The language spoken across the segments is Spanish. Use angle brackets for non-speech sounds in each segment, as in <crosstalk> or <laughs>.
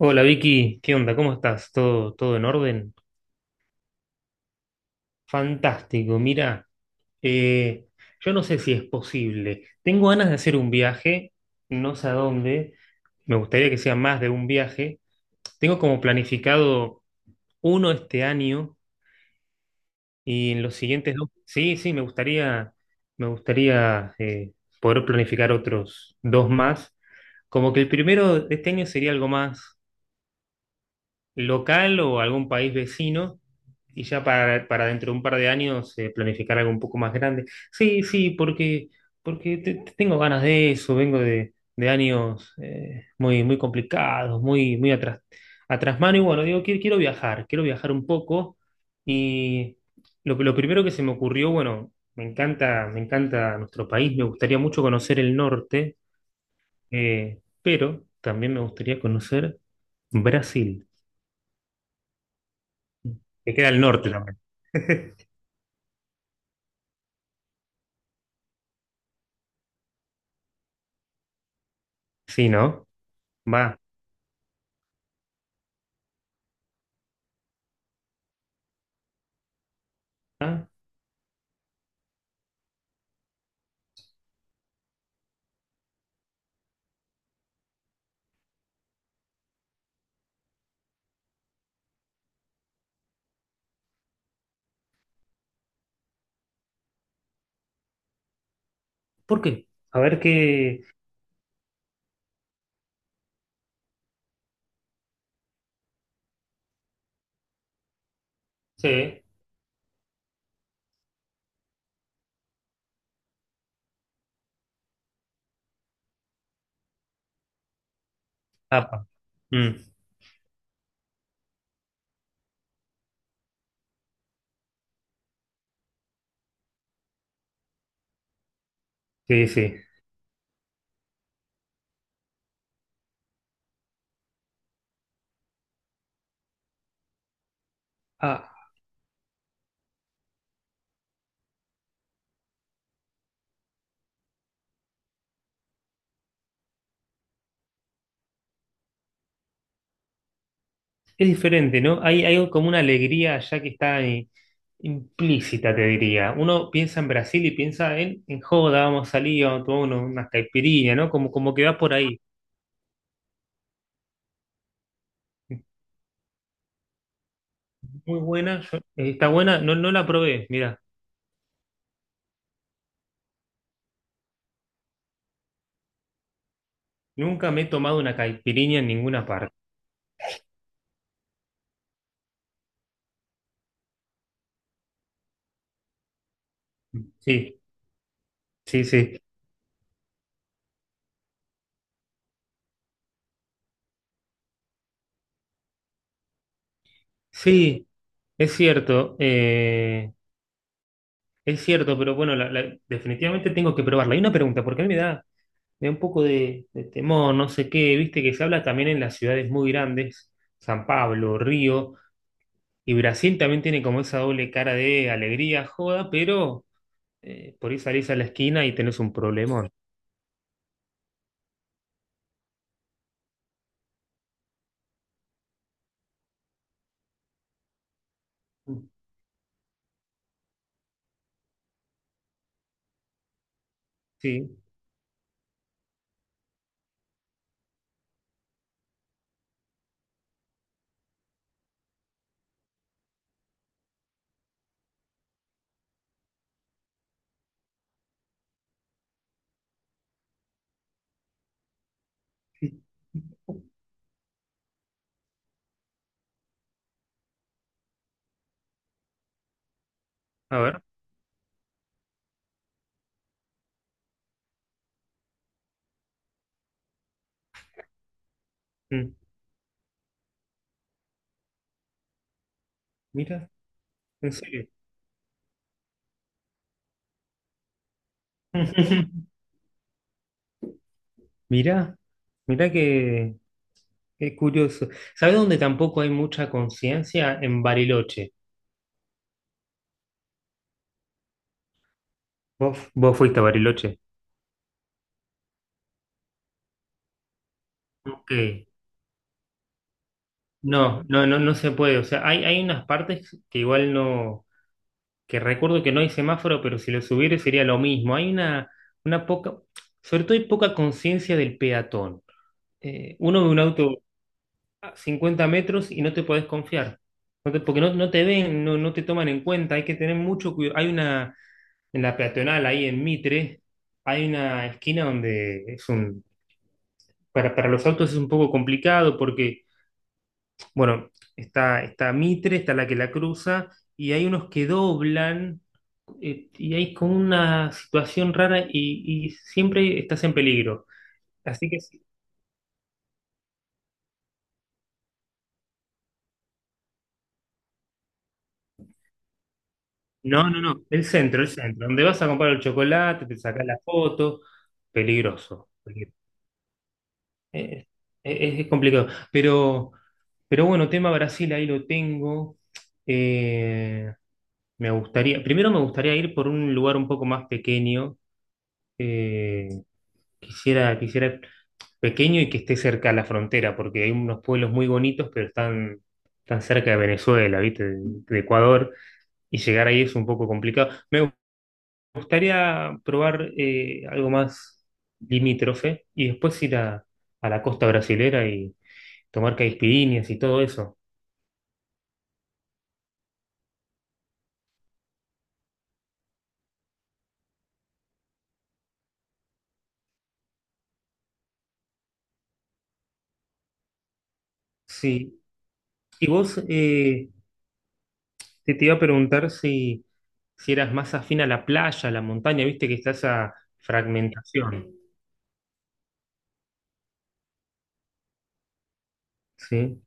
Hola Vicky, ¿qué onda? ¿Cómo estás? ¿Todo en orden? Fantástico, mira, eh, yo no sé si es posible. Tengo ganas de hacer un viaje, no sé a dónde, me gustaría que sea más de un viaje. Tengo como planificado uno este año y en los siguientes dos, sí, sí, me gustaría, me gustaría, poder planificar otros dos más. Como que el primero de este año sería algo más local o algún país vecino y ya para dentro de un par de años planificar algo un poco más grande. Sí, sí, porque te tengo ganas de eso, vengo de años muy, muy complicados, muy, muy atrás, atrás mano. Y bueno, digo, quiero, quiero viajar un poco. Y lo primero que se me ocurrió, bueno, me encanta nuestro país, me gustaría mucho conocer el norte, pero también me gustaría conocer Brasil, que queda al norte también. Sí, ¿no? Va. Ah, ¿por qué? A ver qué. Sí. Apa. Mm, sí, sí. Ah, es diferente, ¿no? Hay como una alegría allá que está ahí, implícita, te diría. Uno piensa en Brasil y piensa en joda, vamos a salir, vamos a tomar unas caipirinhas, ¿no? Como, como que va por ahí. Muy buena, yo, está buena, no, no la probé, mira. Nunca me he tomado una caipirinha en ninguna parte. Sí, sí, sí. Sí, es cierto. Es cierto, pero bueno, definitivamente tengo que probarla. Hay una pregunta, porque a mí me da un poco de temor, no sé qué, viste que se habla también en las ciudades muy grandes, San Pablo, Río, y Brasil también tiene como esa doble cara de alegría, joda, pero por ahí salís a la esquina y tenés un problemón. Sí, sí. A ver. Mm, mira, en serio. <laughs> Mira, mira que, qué curioso. ¿Sabés dónde tampoco hay mucha conciencia? En Bariloche. ¿Vos, vos fuiste a Bariloche? Ok. No, no, no, no se puede. O sea, hay unas partes que igual no, que recuerdo que no hay semáforo, pero si lo subiera sería lo mismo. Hay una poca, sobre todo hay poca conciencia del peatón. Uno ve un auto a 50 metros y no te podés confiar. Porque no, no te ven, no, no te toman en cuenta, hay que tener mucho cuidado. Hay una, en la peatonal, ahí en Mitre, hay una esquina donde es un, para los autos es un poco complicado porque bueno, está, está Mitre, está la que la cruza, y hay unos que doblan, y hay como una situación rara y siempre estás en peligro. Así que sí. No, no, no. El centro, el centro. Donde vas a comprar el chocolate, te sacas la foto. Peligroso. Eh, es complicado. Pero bueno, tema Brasil, ahí lo tengo. Eh, me gustaría, primero me gustaría ir por un lugar un poco más pequeño. Eh, quisiera, quisiera pequeño y que esté cerca a la frontera, porque hay unos pueblos muy bonitos, pero están, tan cerca de Venezuela, ¿viste? De Ecuador, y llegar ahí es un poco complicado. Me gustaría probar algo más limítrofe y después ir a la costa brasilera y tomar caipirinhas y todo eso. Sí. Y vos te, te iba a preguntar si, si eras más afín a la playa, a la montaña, viste que está esa fragmentación. Sí.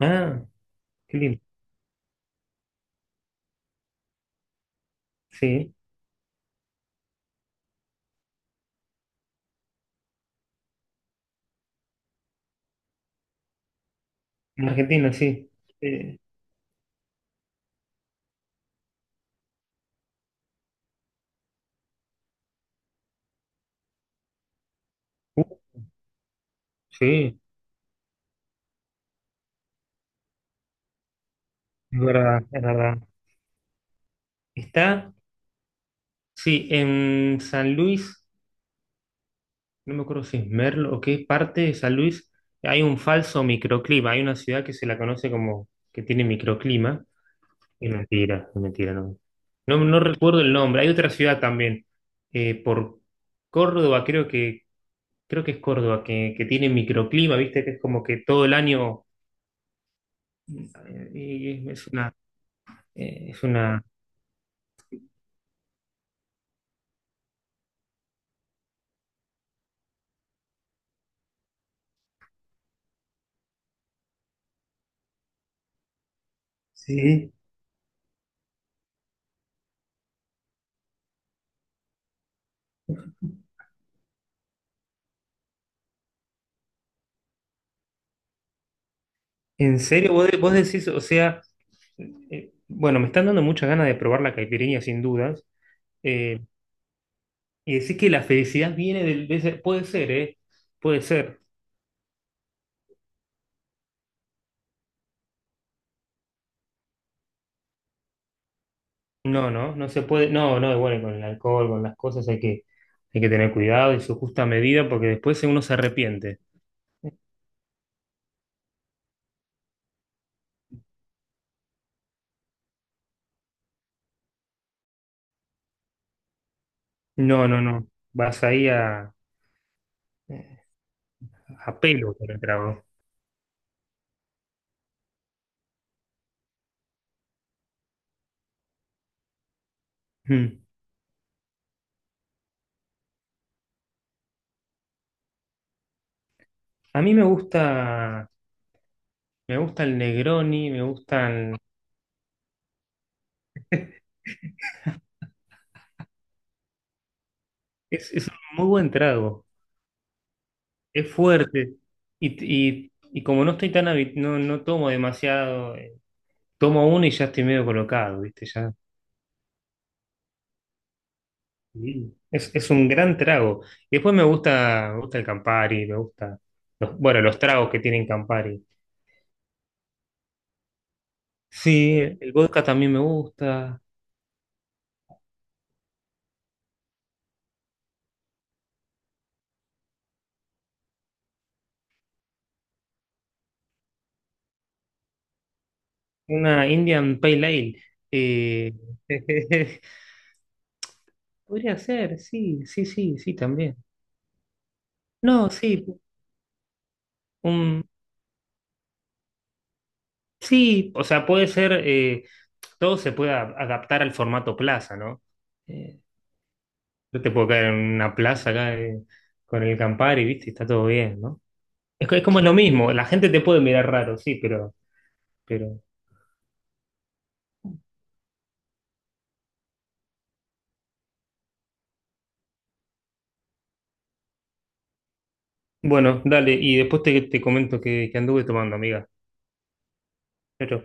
Ah, qué lindo. Sí. En Argentina, sí. Eh, uh, sí, es verdad, es verdad. Está, sí, en San Luis, no me acuerdo si es Merlo o qué parte de San Luis, hay un falso microclima. Hay una ciudad que se la conoce como que tiene microclima. Es mentira, no. No, no recuerdo el nombre. Hay otra ciudad también, por Córdoba, creo que es Córdoba, que tiene microclima, viste, que es como que todo el año eh, es una, es una, sí. En serio, vos, vos decís, o sea, bueno, me están dando muchas ganas de probar la caipirinha sin dudas, eh, y decís que la felicidad viene del, puede ser, ¿eh? Puede ser. No, no, no se puede, no, no, igual con el alcohol, con las cosas hay que tener cuidado y su justa medida porque después uno se arrepiente. No, no, no, vas ahí eh, a pelo con el trago. Mm. A mí me gusta el Negroni, me gustan, <laughs> es un muy buen trago. Es fuerte. Y, y como no estoy tan no, no tomo demasiado, tomo uno y ya estoy medio colocado, ¿viste? Ya. Sí. Es un gran trago. Y después me gusta el Campari, me gusta los, bueno, los tragos que tienen Campari. Sí, el vodka también me gusta. Una Indian Pale Ale. eh, <laughs> Podría ser, sí, sí, sí, sí, también. No, sí, un sí, o sea, puede ser, todo se puede adaptar al formato plaza, ¿no? Eh, yo te puedo caer en una plaza acá con el Campari, ¿viste? Y está todo bien, ¿no? Es, es como lo mismo, la gente te puede mirar raro, sí, pero... Bueno, dale, y después te, te comento que anduve tomando, amiga. Chau, chau.